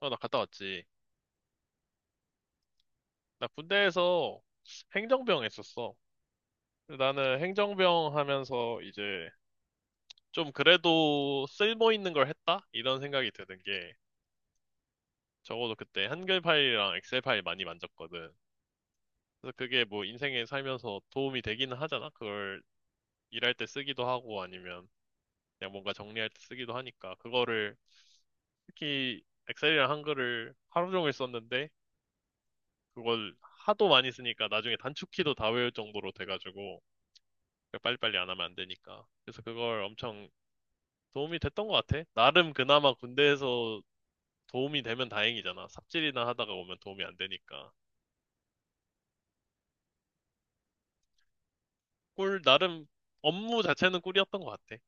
어, 나 갔다 왔지. 나 군대에서 행정병 했었어. 근데 나는 행정병 하면서 이제 좀 그래도 쓸모 있는 걸 했다? 이런 생각이 드는 게 적어도 그때 한글 파일이랑 엑셀 파일 많이 만졌거든. 그래서 그게 뭐 인생에 살면서 도움이 되기는 하잖아. 그걸 일할 때 쓰기도 하고 아니면 그냥 뭔가 정리할 때 쓰기도 하니까 그거를 특히 엑셀이랑 한글을 하루 종일 썼는데 그걸 하도 많이 쓰니까 나중에 단축키도 다 외울 정도로 돼가지고 그러니까 빨리빨리 안 하면 안 되니까. 그래서 그걸 엄청 도움이 됐던 것 같아. 나름 그나마 군대에서 도움이 되면 다행이잖아. 삽질이나 하다가 오면 도움이 안 되니까. 꿀, 나름 업무 자체는 꿀이었던 것 같아.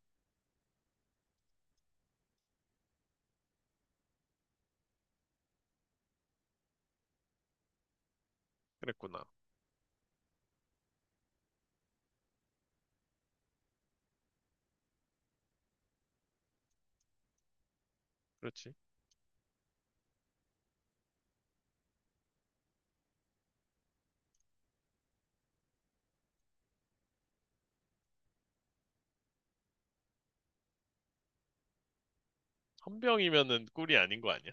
그랬구나. 그렇지. 헌병이면은 꿀이 아닌 거 아니야?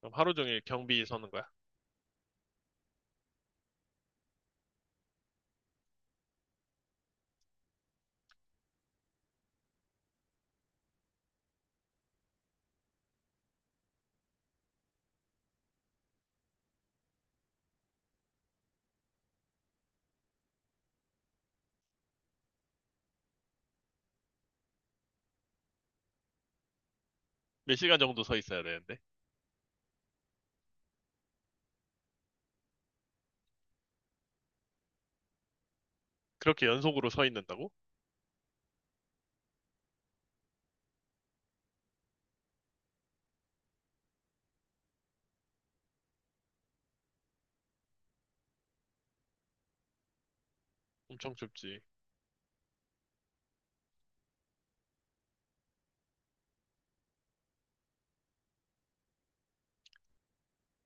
그럼 하루 종일 경비 서는 거야? 몇 시간 정도 서 있어야 되는데? 그렇게 연속으로 서 있는다고? 엄청 춥지.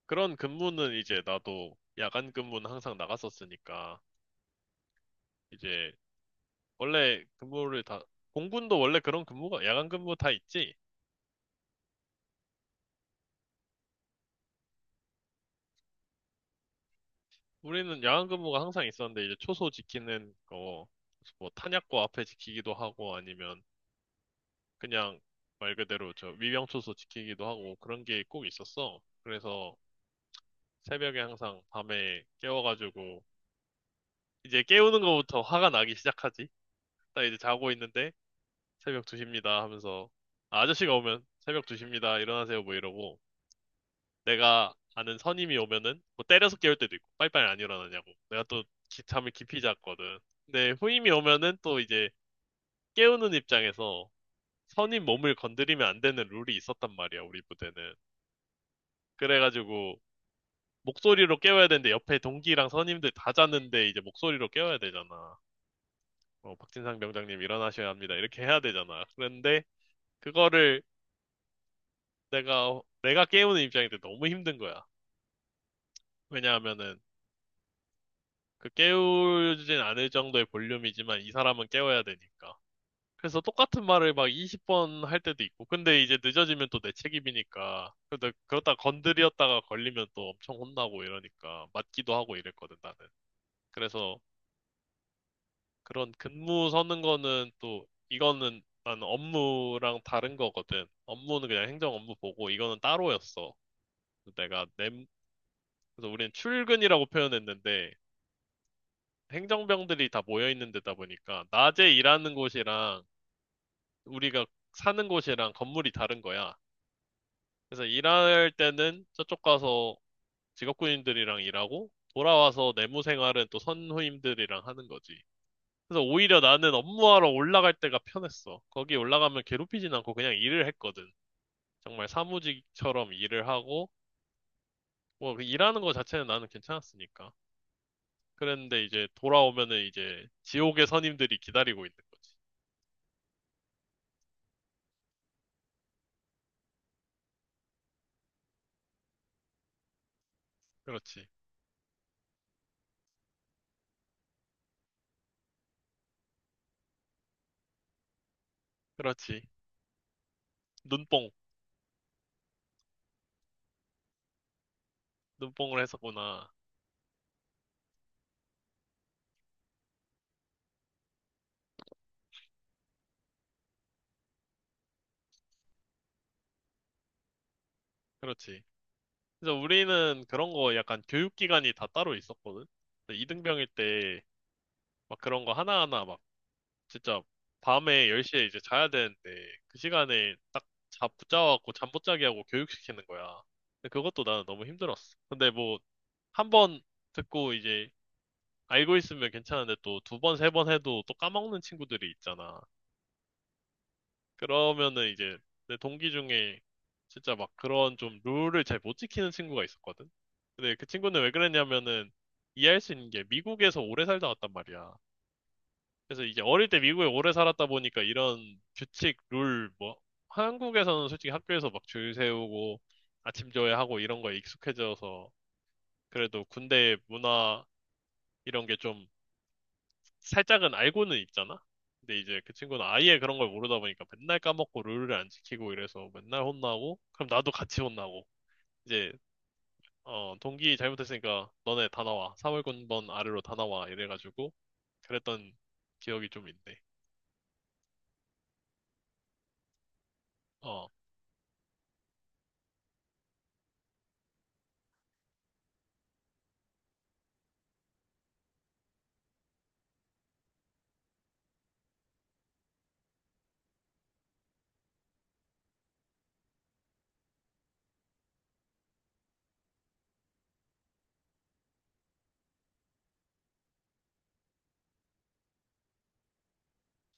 그런 근무는 이제 나도 야간 근무는 항상 나갔었으니까 이제 원래 근무를 다, 공군도 원래 그런 근무가, 야간 근무 다 있지? 우리는 야간 근무가 항상 있었는데, 이제 초소 지키는 거, 뭐 탄약고 앞에 지키기도 하고, 아니면 그냥 말 그대로 저 위병초소 지키기도 하고, 그런 게 꼭 있었어. 그래서 새벽에 항상 밤에 깨워가지고, 이제 깨우는 거부터 화가 나기 시작하지? 나 이제 자고 있는데, 새벽 2시입니다 하면서, 아, 아저씨가 오면 새벽 2시입니다, 일어나세요, 뭐 이러고, 내가 아는 선임이 오면은 뭐 때려서 깨울 때도 있고 빨리빨리 안 일어나냐고 내가 또 잠을 깊이 잤거든. 근데 후임이 오면은 또 이제 깨우는 입장에서 선임 몸을 건드리면 안 되는 룰이 있었단 말이야, 우리 부대는. 그래가지고 목소리로 깨워야 되는데 옆에 동기랑 선임들 다 자는데 이제 목소리로 깨워야 되잖아. 어, 박진상 병장님 일어나셔야 합니다 이렇게 해야 되잖아. 그런데 그거를 내가 깨우는 입장인데 너무 힘든 거야. 왜냐하면은 그 깨우진 않을 정도의 볼륨이지만 이 사람은 깨워야 되니까. 그래서 똑같은 말을 막 20번 할 때도 있고. 근데 이제 늦어지면 또 내 책임이니까. 근데 그러다 건드렸다가 걸리면 또 엄청 혼나고 이러니까 맞기도 하고 이랬거든, 나는. 그래서 그런 근무 서는 거는 또 이거는 나는 업무랑 다른 거거든. 업무는 그냥 행정 업무 보고 이거는 따로였어. 그래서 그래서 우리는 출근이라고 표현했는데 행정병들이 다 모여 있는 데다 보니까 낮에 일하는 곳이랑 우리가 사는 곳이랑 건물이 다른 거야. 그래서 일할 때는 저쪽 가서 직업군인들이랑 일하고 돌아와서 내무 생활은 또 선후임들이랑 하는 거지. 그래서 오히려 나는 업무하러 올라갈 때가 편했어. 거기 올라가면 괴롭히진 않고 그냥 일을 했거든. 정말 사무직처럼 일을 하고 뭐그 일하는 거 자체는 나는 괜찮았으니까. 그랬는데 이제 돌아오면은 이제 지옥의 선임들이 기다리고 있는 거지. 그렇지. 그렇지. 눈뽕, 눈뽕을 했었구나. 그렇지. 그래서 우리는 그런 거 약간 교육기관이 다 따로 있었거든. 그래서 이등병일 때 막 그런 거 하나하나 막 진짜 밤에 10시에 이제 자야 되는데 그 시간에 딱 자, 붙잡아갖고 잠 못 자게 하고 교육시키는 거야. 근데 그것도 나는 너무 힘들었어. 근데 뭐 한 번 듣고 이제 알고 있으면 괜찮은데 또 두 번, 세 번 해도 또 까먹는 친구들이 있잖아. 그러면은 이제 내 동기 중에 진짜 막 그런 좀 룰을 잘 못 지키는 친구가 있었거든. 근데 그 친구는 왜 그랬냐면은 이해할 수 있는 게 미국에서 오래 살다 왔단 말이야. 그래서 이제 어릴 때 미국에 오래 살았다 보니까 이런 규칙, 룰, 뭐 한국에서는 솔직히 학교에서 막 줄 세우고 아침 조회하고 이런 거에 익숙해져서 그래도 군대 문화 이런 게좀 살짝은 알고는 있잖아? 근데 이제 그 친구는 아예 그런 걸 모르다 보니까 맨날 까먹고 룰을 안 지키고 이래서 맨날 혼나고, 그럼 나도 같이 혼나고. 이제, 어, 동기 잘못했으니까 너네 다 나와. 사월군번 아래로 다 나와. 이래가지고, 그랬던 기억이 좀 있네. 어,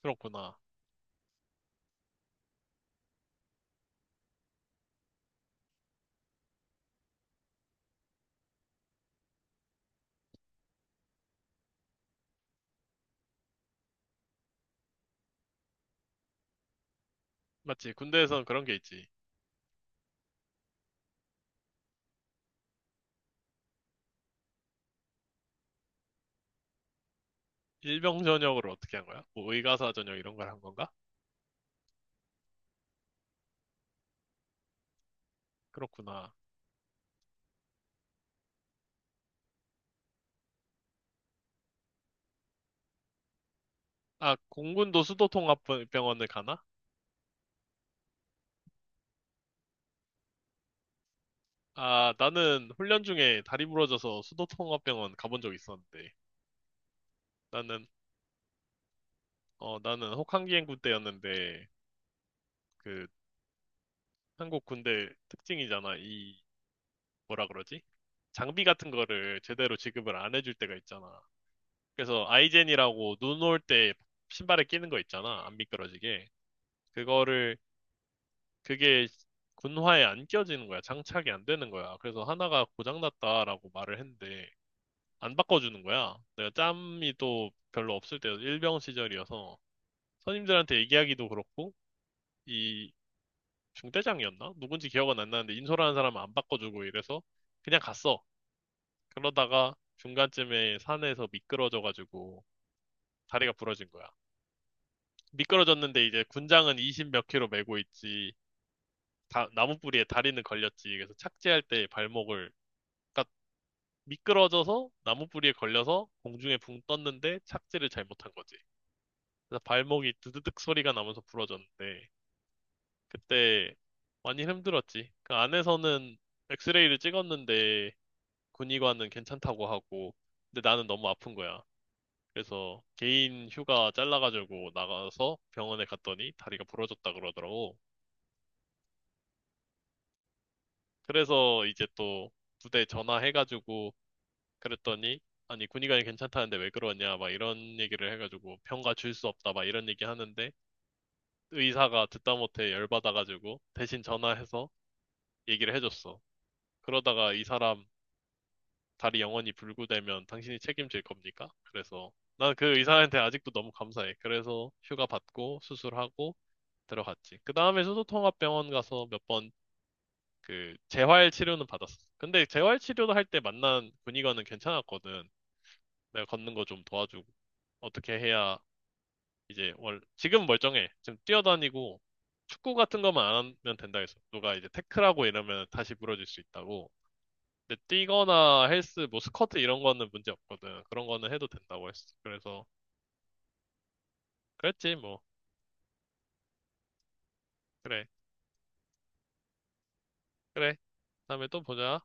그렇구나. 맞지? 군대에선 그런 게 있지. 일병 전역을 어떻게 한 거야? 뭐 의가사 전역 이런 걸 한 건가? 그렇구나. 아, 공군도 수도통합병원을 가나? 아, 나는 훈련 중에 다리 부러져서 수도통합병원 가본 적 있었는데, 나는, 어, 나는 혹한기 행 군 대였는데 그, 한국 군대 특징이잖아. 이, 뭐라 그러지? 장비 같은 거를 제대로 지급을 안 해줄 때가 있잖아. 그래서 아이젠이라고 눈 올 때 신발에 끼는 거 있잖아. 안 미끄러지게. 그거를, 그게 군화에 안 껴지는 거야. 장착이 안 되는 거야. 그래서 하나가 고장났다라고 말을 했는데, 안 바꿔주는 거야. 내가 짬이 또 별로 없을 때 일병 시절이어서 선임들한테 얘기하기도 그렇고 이 중대장이었나? 누군지 기억은 안 나는데 인솔하는 사람은 안 바꿔주고 이래서 그냥 갔어. 그러다가 중간쯤에 산에서 미끄러져가지고 다리가 부러진 거야. 미끄러졌는데 이제 군장은 20 몇 킬로 메고 있지. 다, 나무 뿌리에 다리는 걸렸지. 그래서 착지할 때 발목을, 그러니까 미끄러져서 나무 뿌리에 걸려서 공중에 붕 떴는데 착지를 잘못한 거지. 그래서 발목이 드드득 소리가 나면서 부러졌는데 그때 많이 힘들었지. 그 안에서는 엑스레이를 찍었는데 군의관은 괜찮다고 하고 근데 나는 너무 아픈 거야. 그래서 개인 휴가 잘라가지고 나가서 병원에 갔더니 다리가 부러졌다 그러더라고. 그래서 이제 또 부대 전화해가지고 그랬더니 아니 군의관이 괜찮다는데 왜 그러냐 막 이런 얘기를 해가지고 병가 줄 수 없다 막 이런 얘기 하는데 의사가 듣다 못해 열받아가지고 대신 전화해서 얘기를 해줬어. 그러다가 이 사람 다리 영원히 불구되면 당신이 책임질 겁니까? 그래서 난 그 의사한테 아직도 너무 감사해. 그래서 휴가 받고 수술하고 들어갔지. 그 다음에 수소통합병원 가서 몇 번 그 재활 치료는 받았어. 근데 재활 치료도 할 때 만난 군의관은 괜찮았거든. 내가 걷는 거 좀 도와주고 어떻게 해야 이제 월 지금 멀쩡해. 지금 뛰어다니고 축구 같은 것만 안 하면 된다 해서 누가 이제 태클하고 이러면 다시 부러질 수 있다고. 근데 뛰거나 헬스 뭐 스쿼트 이런 거는 문제 없거든. 그런 거는 해도 된다고 했어. 그래서 그랬지 뭐. 그래. 그래. 다음에 또 보자.